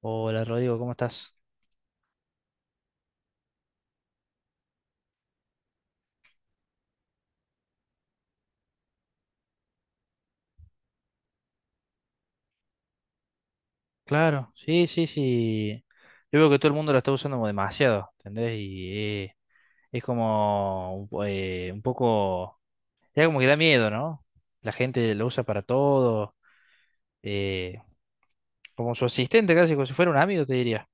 Hola Rodrigo, ¿cómo estás? Claro, sí, sí, sí. Yo veo que todo el mundo la está usando como demasiado, ¿entendés? Es como un poco, ya como que da miedo, ¿no? La gente lo usa para todo, eh, como su asistente casi, como si fuera un amigo, te diría.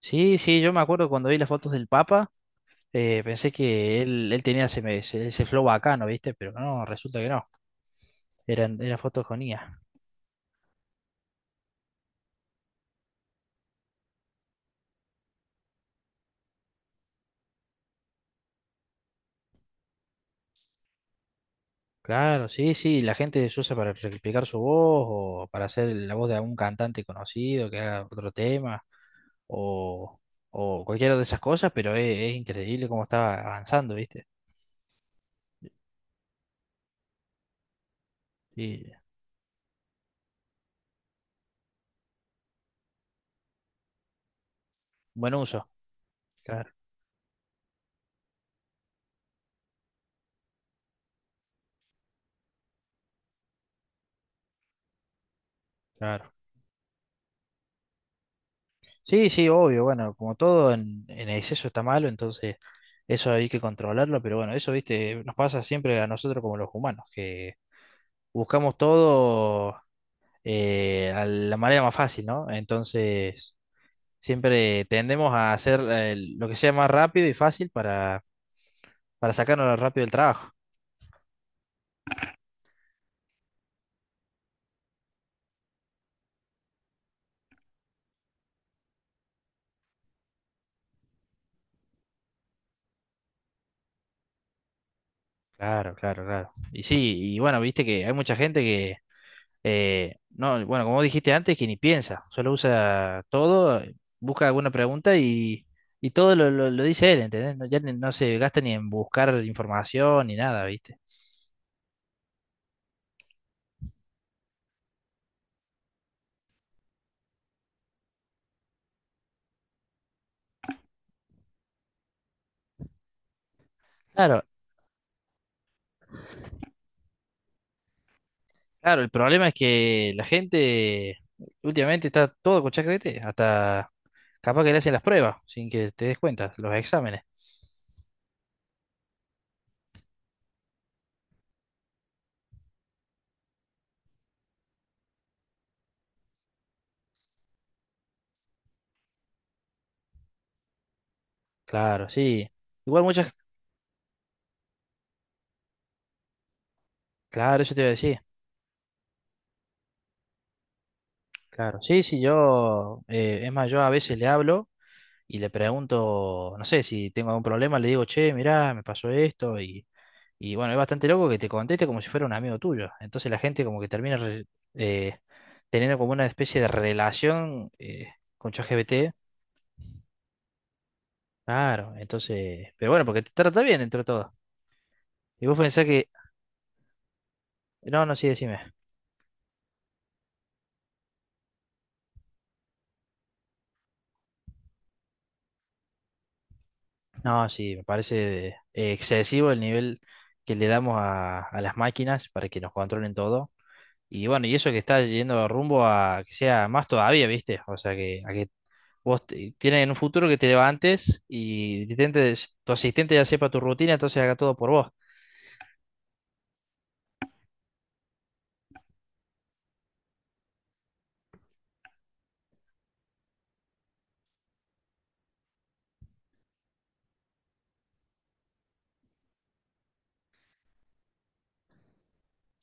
Sí, sí, yo me acuerdo cuando vi las fotos del Papa, pensé que él tenía ese flow bacano, ¿viste? Pero no, resulta que no, eran fotos con IA. Claro, sí, sí, la gente se usa para replicar su voz o para hacer la voz de algún cantante conocido que haga otro tema o, o cualquiera de esas cosas, pero es increíble cómo está avanzando, ¿viste? Sí, buen uso, claro, claro. Sí, sí, obvio, bueno, como todo en exceso está malo, entonces eso hay que controlarlo, pero bueno, eso, ¿viste? Nos pasa siempre a nosotros como los humanos, que buscamos todo a la manera más fácil, ¿no? Entonces… Siempre tendemos a hacer lo que sea más rápido y fácil para sacarnos rápido del trabajo. Claro, claro, claro. Y sí, y bueno, viste que hay mucha gente que, no, bueno, como dijiste antes, que ni piensa, solo usa todo, busca alguna pregunta y todo lo dice él, ¿entendés? No, ya ni- no se gasta ni en buscar información ni nada, ¿viste? Claro, claro, el problema es que la gente últimamente está todo con ChatGPT, hasta capaz que le hacen las pruebas sin que te des cuenta, los exámenes. Claro, sí. Igual muchas, claro, eso te iba a decir. Claro, sí, sí, yo, es más, yo a veces le hablo y le pregunto, no sé, si tengo algún problema, le digo, che, mirá, me pasó esto y bueno, es bastante loco que te conteste como si fuera un amigo tuyo. Entonces la gente como que eh, teniendo como una especie de relación con ChatGPT. Claro, entonces, pero bueno, porque te trata bien entre todo. Y vos pensás que, no, no, sí, decime. No, sí, me parece excesivo el nivel que le damos a las máquinas para que nos controlen todo. Y bueno, y eso que está yendo rumbo a que sea más todavía, ¿viste? O sea, que, a que vos te- tienes en un futuro que te levantes y te intentes- tu asistente ya sepa tu rutina, entonces haga todo por vos.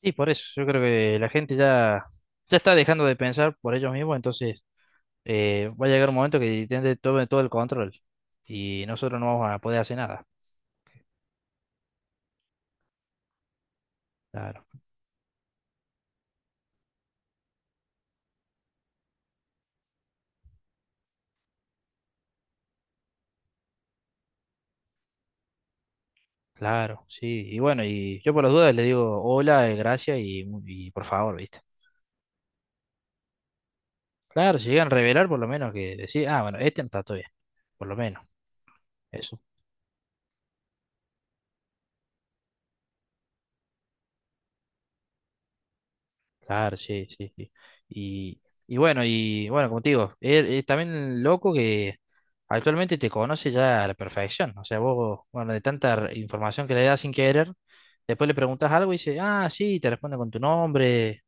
Y por eso, yo creo que la gente ya, ya está dejando de pensar por ellos mismos, entonces va a llegar un momento que Nintendo tome todo el control y nosotros no vamos a poder hacer nada. Claro, claro, sí. Y bueno, y yo por las dudas le digo hola, gracias y, mu- y por favor, ¿viste? Claro, si llegan a revelar, por lo menos que decir, ah, bueno, este no está todavía, por lo menos. Eso. Claro, sí, sí, sí. Y, y bueno, como te digo, es también loco que actualmente te conoce ya a la perfección. O sea, vos, bueno, de tanta re- información que le das sin querer, después le preguntas algo y dice, ah, sí, te responde con tu nombre.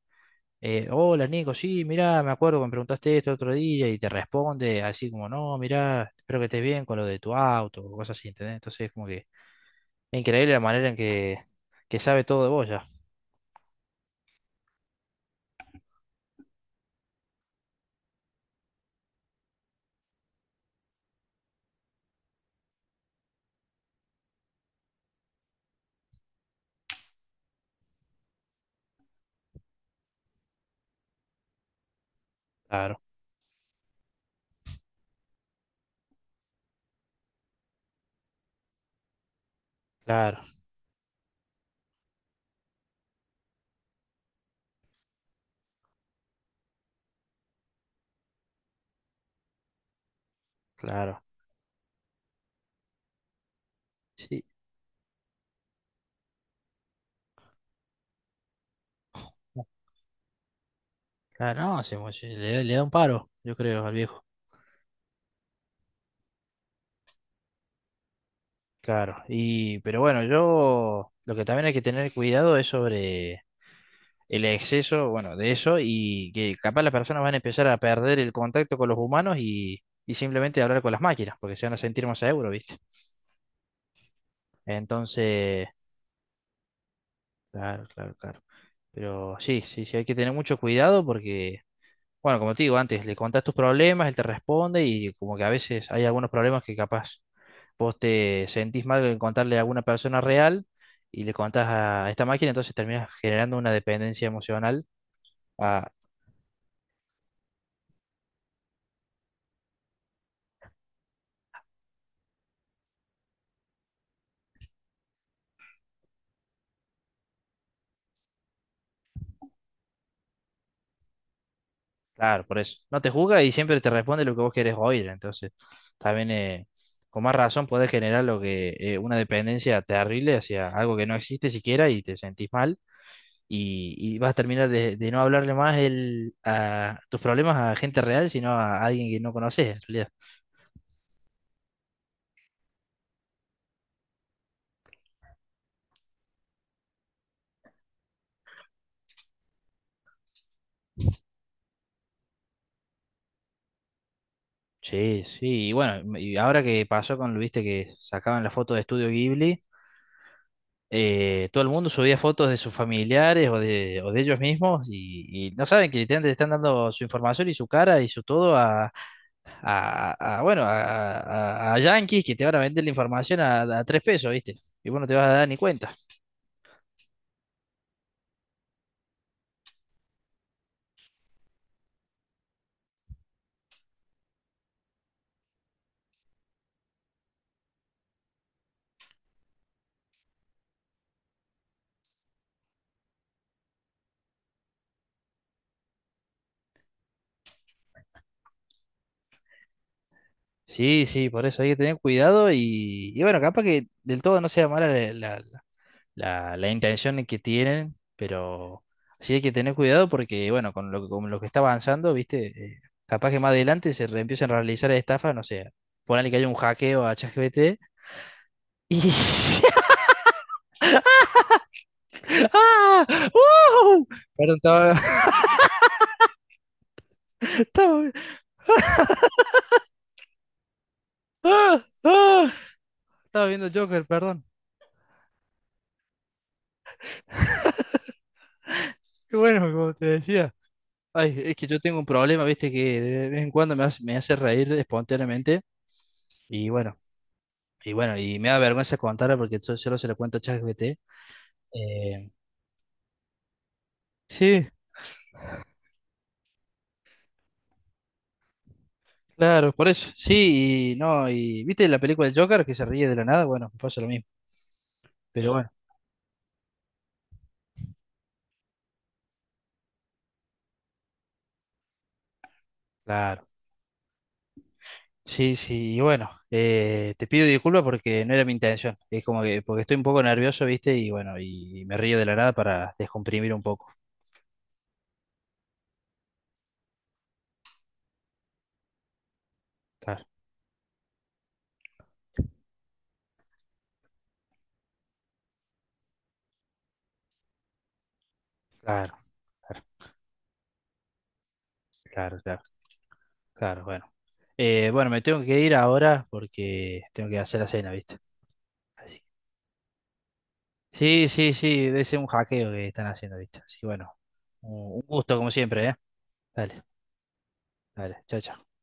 Hola, Nico, sí, mirá, me acuerdo que me preguntaste esto otro día y te responde así como, no, mirá, espero que estés bien con lo de tu auto o cosas así, ¿entendés? Entonces, es como que es increíble la manera en que sabe todo de vos ya. Claro, claro, claro. Sí. Claro, no, se mo- le da un paro, yo creo, al viejo. Claro, y pero bueno, yo lo que también hay que tener cuidado es sobre el exceso, bueno, de eso y que capaz las personas van a empezar a perder el contacto con los humanos y simplemente hablar con las máquinas, porque se van a sentir más seguros, ¿viste? Entonces, claro, claro, claro. Pero sí, sí, sí, hay que tener mucho cuidado porque, bueno, como te digo antes, le contás tus problemas, él te responde y como que a veces hay algunos problemas que capaz vos te sentís mal en contarle a alguna persona real y le contás a esta máquina, entonces terminas generando una dependencia emocional a, claro, por eso. No te juzga y siempre te responde lo que vos querés oír, entonces también con más razón podés generar lo que una dependencia terrible hacia algo que no existe siquiera y te sentís mal y vas a terminar de no hablarle más el, a tus problemas a gente real, sino a alguien que no conoces, realidad. Sí, sí, y bueno, y ahora que pasó con, viste, que sacaban la foto de Estudio Ghibli, todo el mundo subía fotos de sus familiares o de ellos mismos y no saben que literalmente le están dando su información y su cara y su todo a- bueno, a yanquis que te van a vender la información a tres pesos, viste, y vos no te vas a dar ni cuenta. Sí, sí, por eso hay que tener cuidado y bueno, capaz que del todo no sea mala la, la- la intención que tienen, pero sí hay que tener cuidado porque, bueno, con lo que está avanzando, ¿viste? Eh, capaz que más adelante se re- empiezan a realizar estafas, no sé, ponele que haya un hackeo a ChatGPT y… ¡Ah! ¡Wow! Perdón, estaba, estaba, ¡Ah! ¡Ah! Estaba viendo Joker, perdón. Qué bueno, como te decía. Ay, es que yo tengo un problema, viste, que de vez en cuando me hace reír espontáneamente. Y bueno, y bueno, y me da vergüenza contarlo porque yo solo se lo cuento a ChatGPT. Eh, Sí, claro, por eso. Sí, y no, y ¿viste la película del Joker que se ríe de la nada? Bueno, me pasa lo mismo. Pero bueno, claro. Sí, sí, y bueno, te pido disculpas porque no era mi intención. Es como que, porque estoy un poco nervioso, ¿viste? Y bueno, y me río de la nada para descomprimir un poco. Claro, claro, claro, claro, claro, claro, bueno. Bueno, me tengo que ir ahora porque tengo que hacer la cena, ¿viste? Así. Sí, sí, sí, debe ser un hackeo que están haciendo, ¿viste? Así que bueno, un gusto como siempre, ¿eh? Dale, dale, chao, chao.